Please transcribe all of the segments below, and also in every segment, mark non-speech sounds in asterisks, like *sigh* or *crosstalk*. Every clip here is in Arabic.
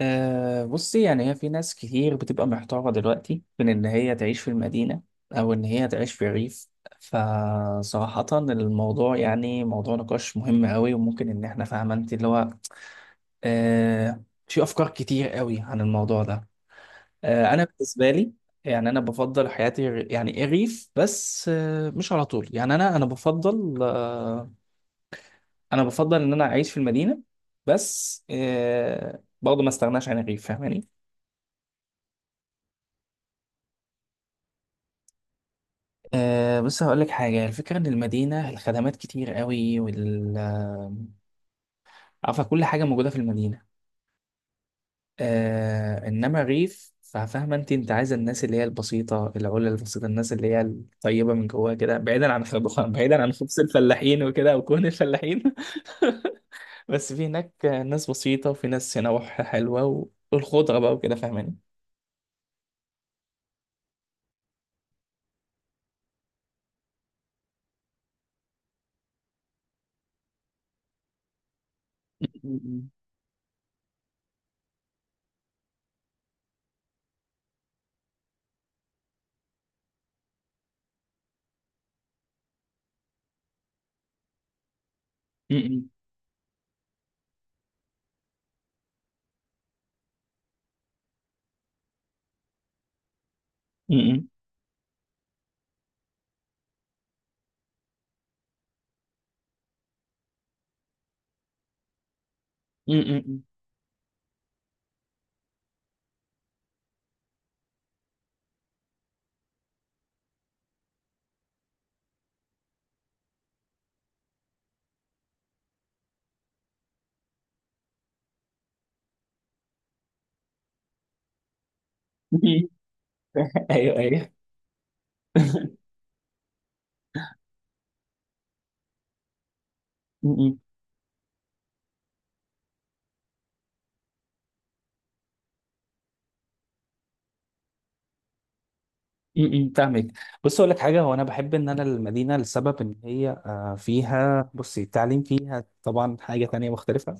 بصي، يعني هي في ناس كتير بتبقى محتارة دلوقتي بين إن هي تعيش في المدينة أو إن هي تعيش في الريف. فصراحة الموضوع يعني موضوع نقاش مهم أوي. وممكن إن إحنا فاهمة أنت اللي هو، في أفكار كتير أوي عن الموضوع ده. أنا بالنسبة لي، يعني أنا بفضل حياتي يعني الريف، بس مش على طول. يعني أنا بفضل، أنا بفضل إن أنا أعيش في المدينة، بس برضه ما استغناش عن الريف، فاهماني؟ بص هقول لك حاجة، الفكرة إن المدينة الخدمات كتير قوي، وال عارفة، كل حاجة موجودة في المدينة. إنما الريف، ففاهمة أنت عايزة الناس اللي هي البسيطة، البسيطة، الناس اللي هي الطيبة من جواها كده، بعيدا عن خبز *laughs* بعيدا عن خبز الفلاحين وكده، أو كون الفلاحين. *laughs* بس في هناك ناس بسيطة، وفي ناس نواح حلوة، والخضرة بقى وكده، فاهماني؟ *laughs* م- م- م- م- م- م- م- م- *laughs* م- م- ايوه، ايوه. *laughs* فاهمك. بص اقول لك حاجه، هو انا بحب ان انا المدينه لسبب ان هي فيها، بصي، التعليم فيها طبعا حاجه تانية مختلفه.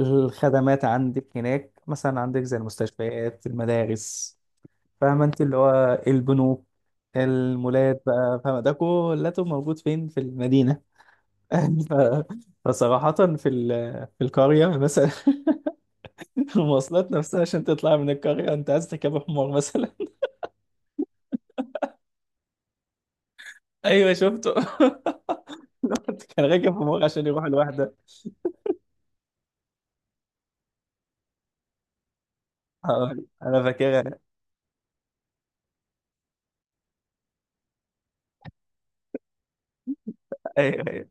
الخدمات عندك هناك، مثلا عندك زي المستشفيات، المدارس، فاهمه انت، اللي هو البنوك، المولات بقى، فاهمه ده كله موجود فين؟ في المدينه. *laughs* ف- فصراحه، في في القريه مثلا، *laughs* المواصلات نفسها، عشان تطلع من القريه انت عايز تركب حمار مثلا. *laughs* ايوه، شفته. *laughs* الواحد كان راكب في مغ عشان يروح لوحده. آه، انا فاكرها. ايوه، ايوه،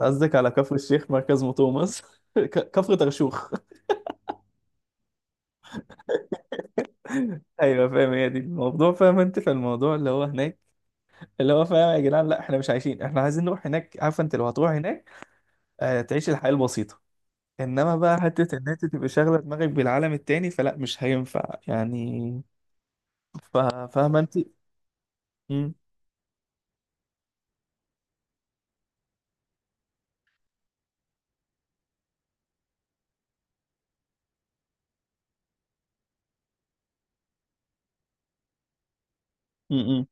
قصدك على كفر الشيخ، مركز مطوع مصر، *laughs* كفر ترشوخ. *laughs* ايوه، فاهم، هي دي الموضوع، فاهم انت في الموضوع اللي هو هناك، اللي هو، فاهم يا جدعان، لا احنا مش عايشين، احنا عايزين نروح هناك. عارفه انت، لو هتروح هناك، تعيش الحياه البسيطه، انما بقى حته ان انت تبقى شاغله دماغك بالعالم التاني، فلا، مش هينفع يعني. ف- فاهمه انت. مم. مم.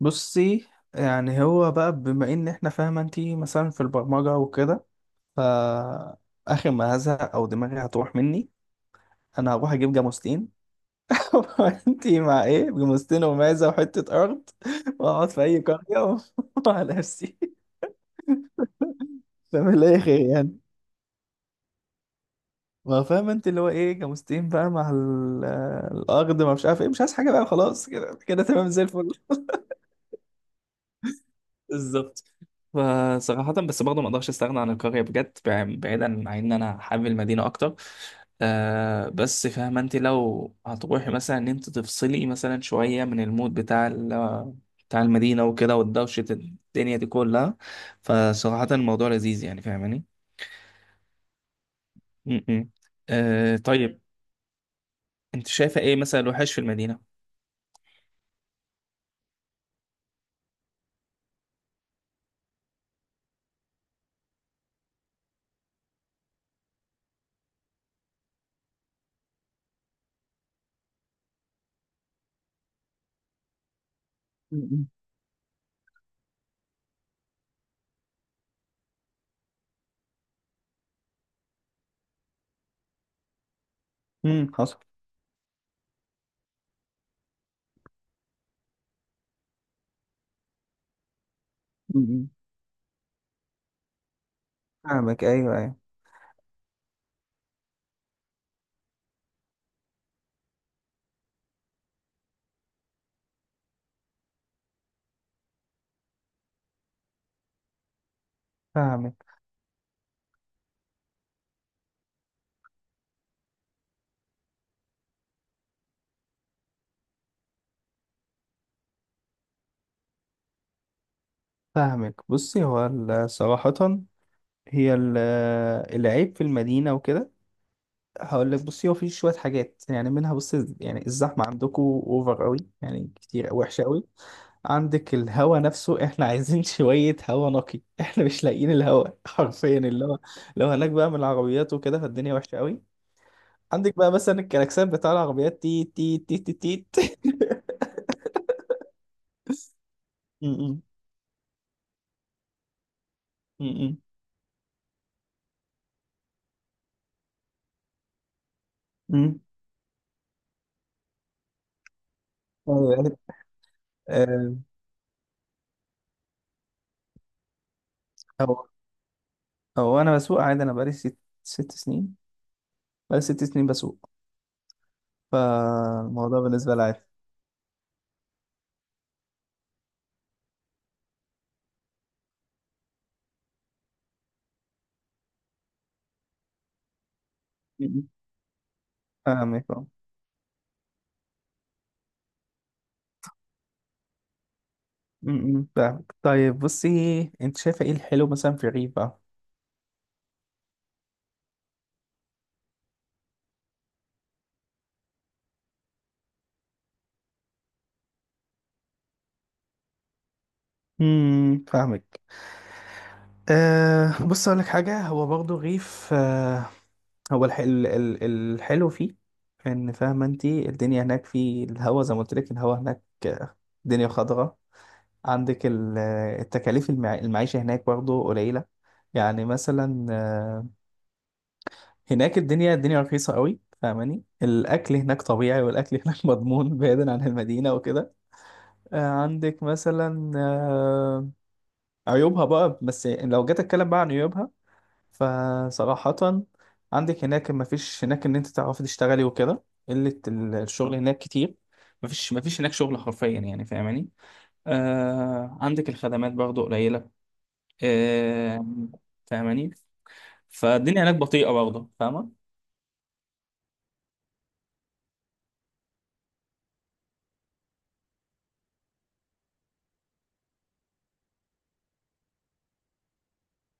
بصي، يعني هو بقى، بما ان احنا، فاهمه انت، مثلا في البرمجه وكده، فآخر ما هزهق أو دماغي هتروح مني، أنا هروح أجيب جاموستين. *laughs* وأنتي مع إيه، جاموستين ومعزة وحتة أرض، وأقعد في أي قرية *laughs* وعلى نفسي. فمن لا خير يعني. ما فاهم أنت اللي هو إيه، جاموستين بقى مع الأرض، ما مش عارف إيه، مش عايز حاجة بقى، خلاص كده كده، تمام زي الفل. بالظبط. فصراحة بس برضه ما اقدرش استغنى عن القرية بجد، بعيدا عن ان انا حابب المدينة اكتر. بس فاهمة انت، لو هتروحي مثلا ان انت تفصلي مثلا شوية من المود بتاع بتاع المدينة وكده، والدوشة الدنيا دي كلها، فصراحة الموضوع لذيذ يعني، فاهماني؟ م- م. طيب، انت شايفة ايه مثلا الوحش في المدينة؟ امم. أمم، حصل. أمم. فاهمك، ايوه، ايوه، فاهمك فاهمك، بصي، هو صراحة، هي العيب في المدينة وكده، هقول لك، بصي هو في شوية حاجات يعني، منها بصي يعني الزحمة عندكم اوفر قوي، يعني كتير، وحشة قوي. عندك الهوا نفسه، احنا عايزين *laughs* شوية هوا نقي، احنا مش لاقيين الهوا *laughs* حرفيا، اللي هو، لو هناك بقى من العربيات وكده، فالدنيا وحشة قوي. عندك بقى مثلا الكلاكسات بتاع العربيات، تي تي تي تي تي. *laughs* م- م- م- م. أيوة، يعني، آه، هو هو انا بسوق عادي، انا بقالي ست سنين، بقالي 6 سنين بسوق، فالموضوع بالنسبة لي عادي. م- م. فاهمك، اه. م- م، فاهمك. طيب بصي، انت شايفة ايه الحلو مثلا في الريف بقى؟ فاهمك. بص اقول لك حاجة، هو برضه الريف هو الحلو فيه ان، فاهمة انت، الدنيا هناك في الهوا، زي ما قلت لك، الهوا هناك، الدنيا خضراء. عندك التكاليف، المعيشة هناك برضه قليلة، يعني مثلا هناك الدنيا رخيصة قوي، فاهماني؟ الأكل هناك طبيعي، والأكل هناك *laughs* مضمون، بعيدا عن المدينة وكده. عندك مثلا، عيوبها بقى، بس لو جيت أتكلم بقى عن عيوبها، فصراحة عندك هناك مفيش هناك إن أنت تعرفي تشتغلي وكده، قلة الشغل هناك كتير، مفيش هناك شغل حرفيا يعني، فاهماني؟ عندك الخدمات برضه قليلة. آه فاهماني، فالدنيا هناك بطيئة برضه، فاهمة؟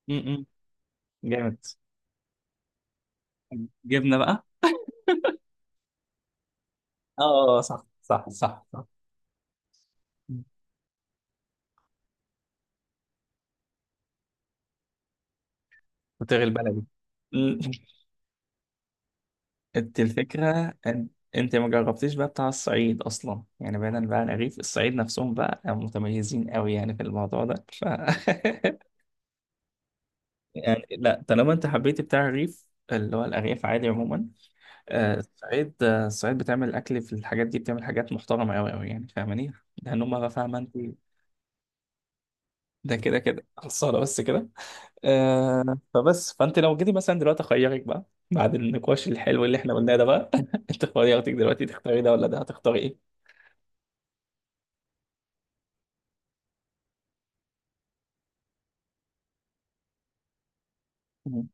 م- م. جامد، جبنه بقى. اه، صح صح صح صح. وتغلي البلدي. مم. انت الفكره، ان انت ما جربتيش بقى بتاع الصعيد اصلا يعني، بعيدا بقى عن الرغيف، الصعيد نفسهم بقى متميزين قوي يعني في الموضوع ده، *laughs* يعني لا، طالما انت حبيتي بتاع الرغيف اللي هو الارياف، عادي عموما، الصعيد بتعمل اكل في الحاجات دي، بتعمل حاجات محترمه قوي قوي يعني، فاهماني؟ لان هم بقى، فاهمه انت، ده كده كده خلصانه، بس كده. فبس، فانت لو جيتي مثلا دلوقتي اخيرك بقى، بعد النقاش الحلو اللي احنا قلناه ده بقى، *laughs* انت خيرتك دلوقتي، تختاري ده ولا ده، هتختاري ايه؟ مم.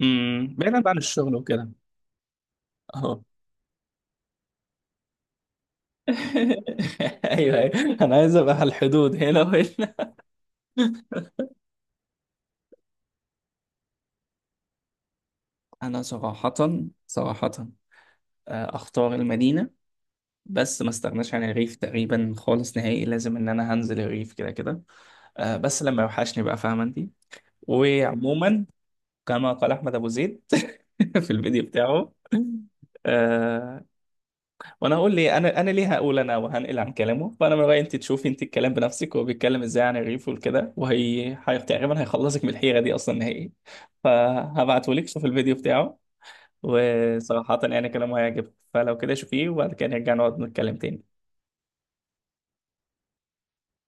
مم، بعيدا بقى عن الشغل وكده، اهو. *laughs* ايوه، ايوه، انا عايز ابقى على الحدود هنا وهنا. انا صراحة، صراحة، اختار المدينة، بس ما استغناش عن الريف تقريبا خالص نهائي، لازم ان انا هنزل الريف كده كده، بس لما يوحشني بقى، فاهمة انت. وعموما، كما قال أحمد أبو زيد *laughs* في الفيديو بتاعه، آه. وأنا هقول، لي أنا ليه هقول، أنا وهنقل عن كلامه، فأنا من رأيي أنت تشوفي أنت الكلام بنفسك، هو بيتكلم إزاي عن الريف والكده، وهي تقريبا هيخلصك من الحيرة دي أصلا نهائي، فهبعتهولك شوف الفيديو بتاعه. وصراحة يعني كلامه هيعجبك، فلو كده شوفيه وبعد كده نرجع نقعد نتكلم تاني.